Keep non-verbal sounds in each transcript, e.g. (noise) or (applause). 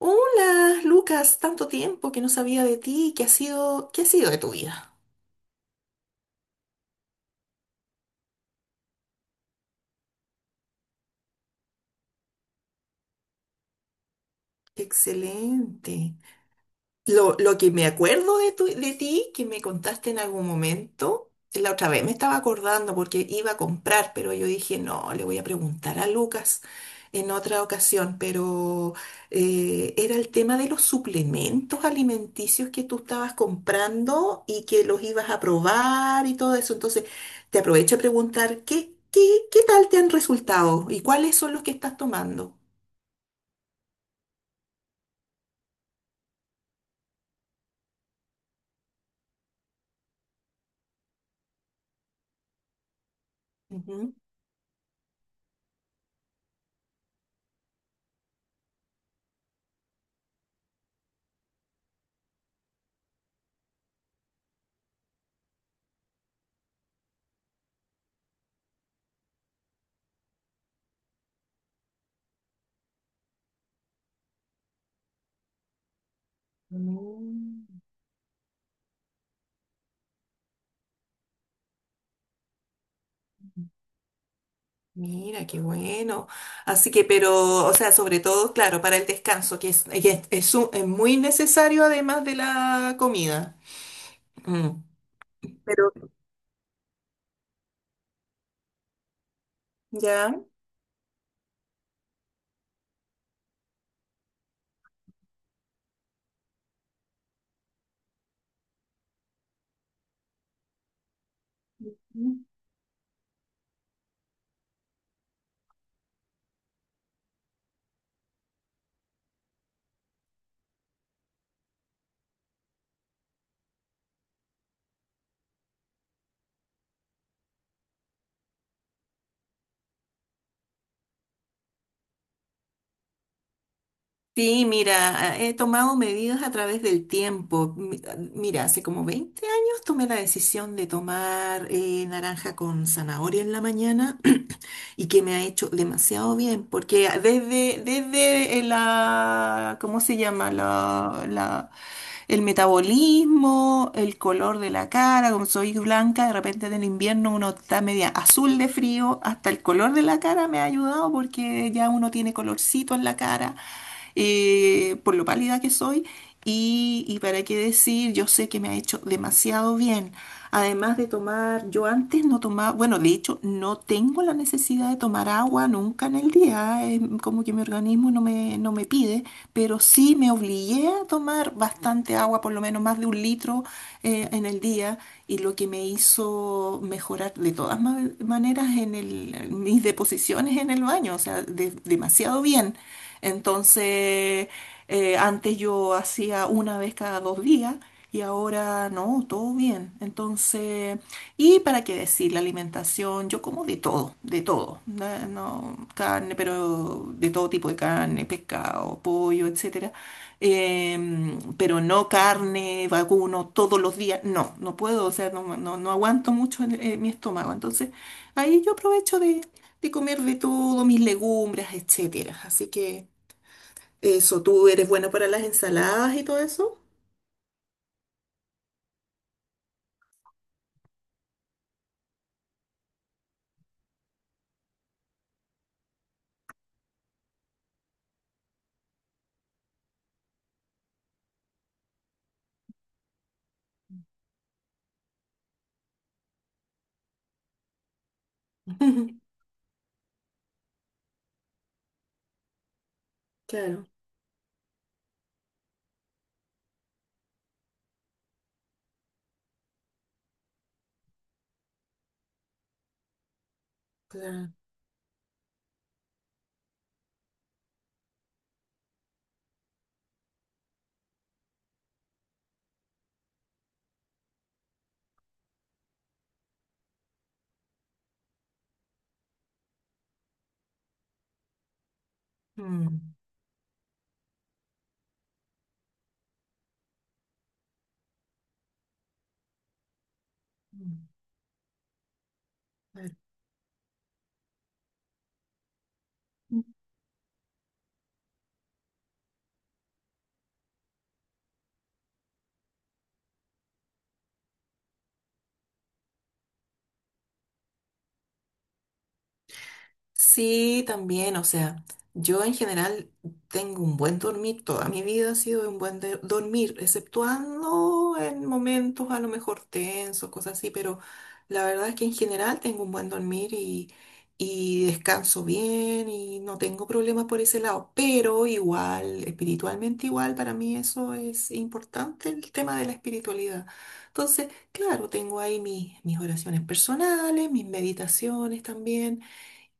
Hola, Lucas, tanto tiempo que no sabía de ti, qué ha sido de tu vida? Excelente. Lo que me acuerdo de, de ti, que me contaste en algún momento, la otra vez me estaba acordando porque iba a comprar, pero yo dije, no, le voy a preguntar a Lucas en otra ocasión, pero era el tema de los suplementos alimenticios que tú estabas comprando y que los ibas a probar y todo eso. Entonces, te aprovecho a preguntar, qué tal te han resultado y cuáles son los que estás tomando? Ujú. Mm. Mira, qué bueno. Así que, pero, o sea, sobre todo, claro, para el descanso, que es muy necesario además de la comida. Mm. Pero, ¿ya? Sí, mira, he tomado medidas a través del tiempo. Mira, hace como 20 años tomé la decisión de tomar naranja con zanahoria en la mañana (clears throat) y que me ha hecho demasiado bien, porque desde, la, ¿cómo se llama? La, el metabolismo, el color de la cara, como soy blanca, de repente en el invierno uno está media azul de frío, hasta el color de la cara me ha ayudado porque ya uno tiene colorcito en la cara, por lo pálida que soy. Y para qué decir, yo sé que me ha hecho demasiado bien. Además de tomar, yo antes no tomaba, bueno, de hecho no tengo la necesidad de tomar agua nunca en el día, como que mi organismo no me, no me pide, pero sí me obligué a tomar bastante agua, por lo menos más de un litro en el día, y lo que me hizo mejorar de todas maneras en en mis deposiciones en el baño, o sea, demasiado bien. Entonces, antes yo hacía una vez cada 2 días. Y ahora no, todo bien. Entonces, ¿y para qué decir? La alimentación, yo como de todo, de todo. No, carne, pero de todo tipo de carne, pescado, pollo, etcétera. Pero no carne, vacuno, todos los días. No, no puedo, o sea, no aguanto mucho en mi estómago. Entonces, ahí yo aprovecho de comer de todo, mis legumbres, etcétera. Así que eso, ¿tú eres buena para las ensaladas y todo eso? (laughs) Claro. Claro. Mm, mm, claro. Sí, también, o sea, yo en general tengo un buen dormir, toda mi vida ha sido de un buen dormir, exceptuando en momentos a lo mejor tensos, cosas así, pero la verdad es que en general tengo un buen dormir y, descanso bien y no tengo problemas por ese lado, pero igual, espiritualmente igual, para mí eso es importante, el tema de la espiritualidad. Entonces, claro, tengo ahí mis oraciones personales, mis meditaciones también.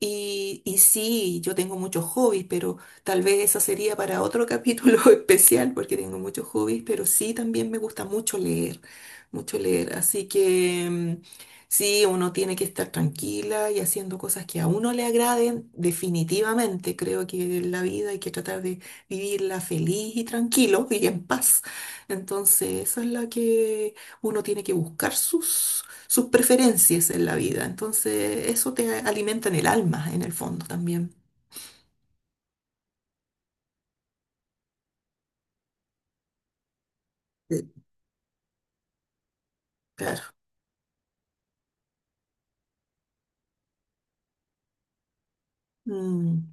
Y sí, yo tengo muchos hobbies, pero tal vez eso sería para otro capítulo (laughs) especial, porque tengo muchos hobbies, pero sí también me gusta mucho leer, mucho leer. Así que sí, uno tiene que estar tranquila y haciendo cosas que a uno le agraden, definitivamente. Creo que en la vida hay que tratar de vivirla feliz y tranquilo y en paz. Entonces, eso es lo que uno tiene que buscar sus preferencias en la vida. Entonces, eso te alimenta en el alma, en el fondo también. Sí. Claro. Mm.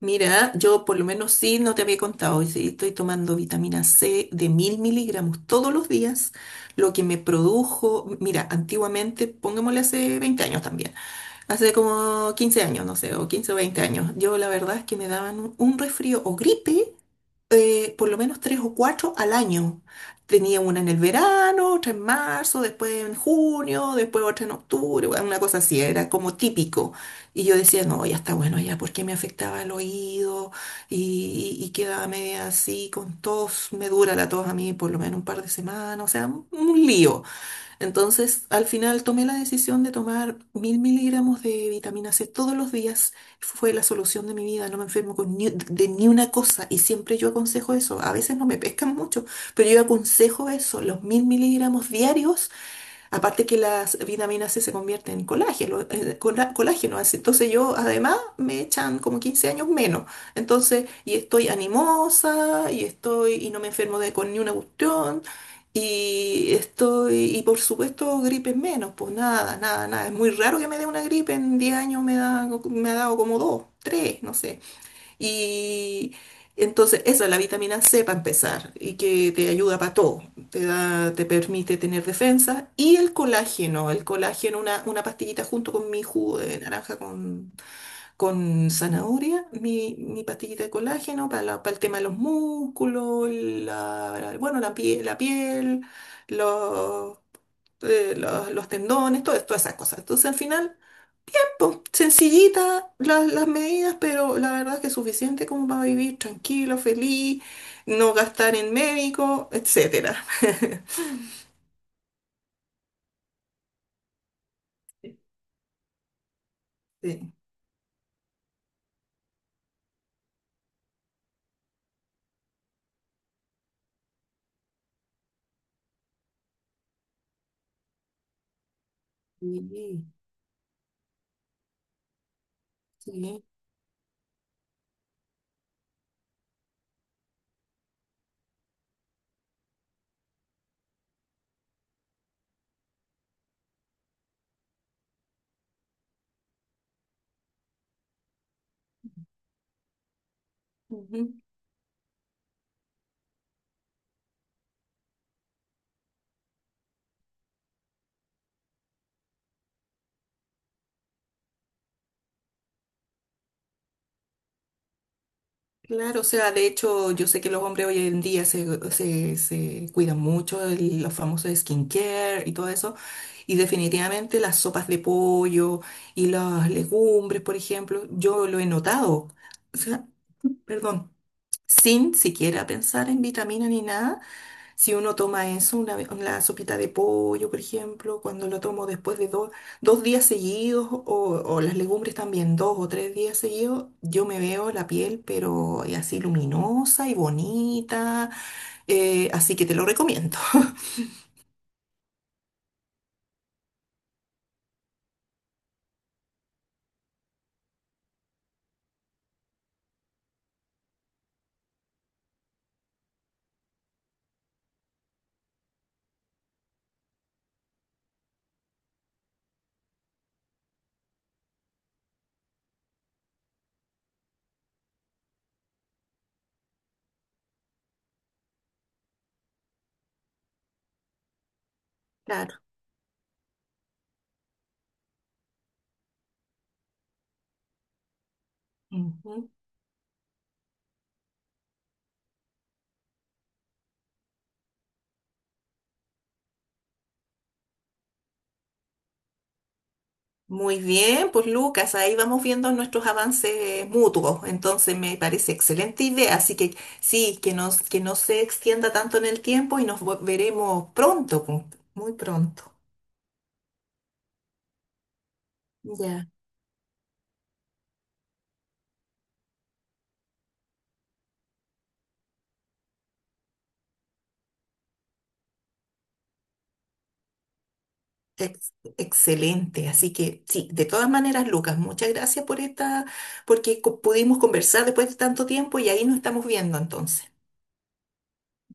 Mira, yo por lo menos sí, no te había contado, y sí, estoy tomando vitamina C de 1000 mg todos los días, lo que me produjo, mira, antiguamente, pongámosle hace 20 años también, hace como 15 años, no sé, o 15 o 20 años, yo la verdad es que me daban un resfrío o gripe por lo menos tres o cuatro al año. Tenía una en el verano, otra en marzo, después en junio, después otra en octubre, bueno, una cosa así, era como típico. Y yo decía, no, ya está bueno, ya, porque me afectaba el oído y, quedaba media así con tos, me dura la tos a mí por lo menos un par de semanas, o sea, un lío. Entonces, al final tomé la decisión de tomar 1000 mg de vitamina C todos los días. Fue la solución de mi vida. No me enfermo con de ni una cosa. Y siempre yo aconsejo eso. A veces no me pescan mucho, pero yo aconsejo eso. Los 1000 mg diarios. Aparte que las vitaminas C se convierten en colágeno, colágeno, así. Entonces yo además me echan como 15 años menos. Entonces, y estoy animosa, y no me enfermo de con ni una cuestión, y por supuesto gripes menos, pues nada, nada, nada. Es muy raro que me dé una gripe, en 10 años me ha dado como dos, tres, no sé. Y entonces, esa es la vitamina C para empezar, y que te ayuda para todo. Te permite tener defensa. Y el colágeno, una pastillita junto con mi jugo de naranja con zanahoria, mi pastillita de colágeno para, para el tema de los músculos, la, bueno, la piel, los, los tendones, todo, todas esas cosas. Entonces, al final sencillita las medidas, pero la verdad es que es suficiente como para vivir tranquilo, feliz, no gastar en médico, etcétera. (laughs) Sí, sí, sí, ujú. Claro, o sea, de hecho, yo sé que los hombres hoy en día se cuidan mucho, los famosos skincare y todo eso, y definitivamente las sopas de pollo y las legumbres, por ejemplo, yo lo he notado. O sea, perdón, sin siquiera pensar en vitamina ni nada. Si uno toma eso, una sopita de pollo, por ejemplo, cuando lo tomo después de 2 días seguidos, o las legumbres también 2 o 3 días seguidos, yo me veo la piel, pero así luminosa y bonita. Así que te lo recomiendo. (laughs) Claro. Ujú. Muy bien, pues Lucas, ahí vamos viendo nuestros avances mutuos. Entonces me parece excelente idea. Así que sí, que no se extienda tanto en el tiempo y nos veremos pronto, muy pronto. Ya. Ex- Excelente. Así que sí, de todas maneras, Lucas, muchas gracias por esta, porque pudimos conversar después de tanto tiempo y ahí nos estamos viendo entonces.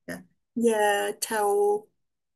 Ya, ya, chao.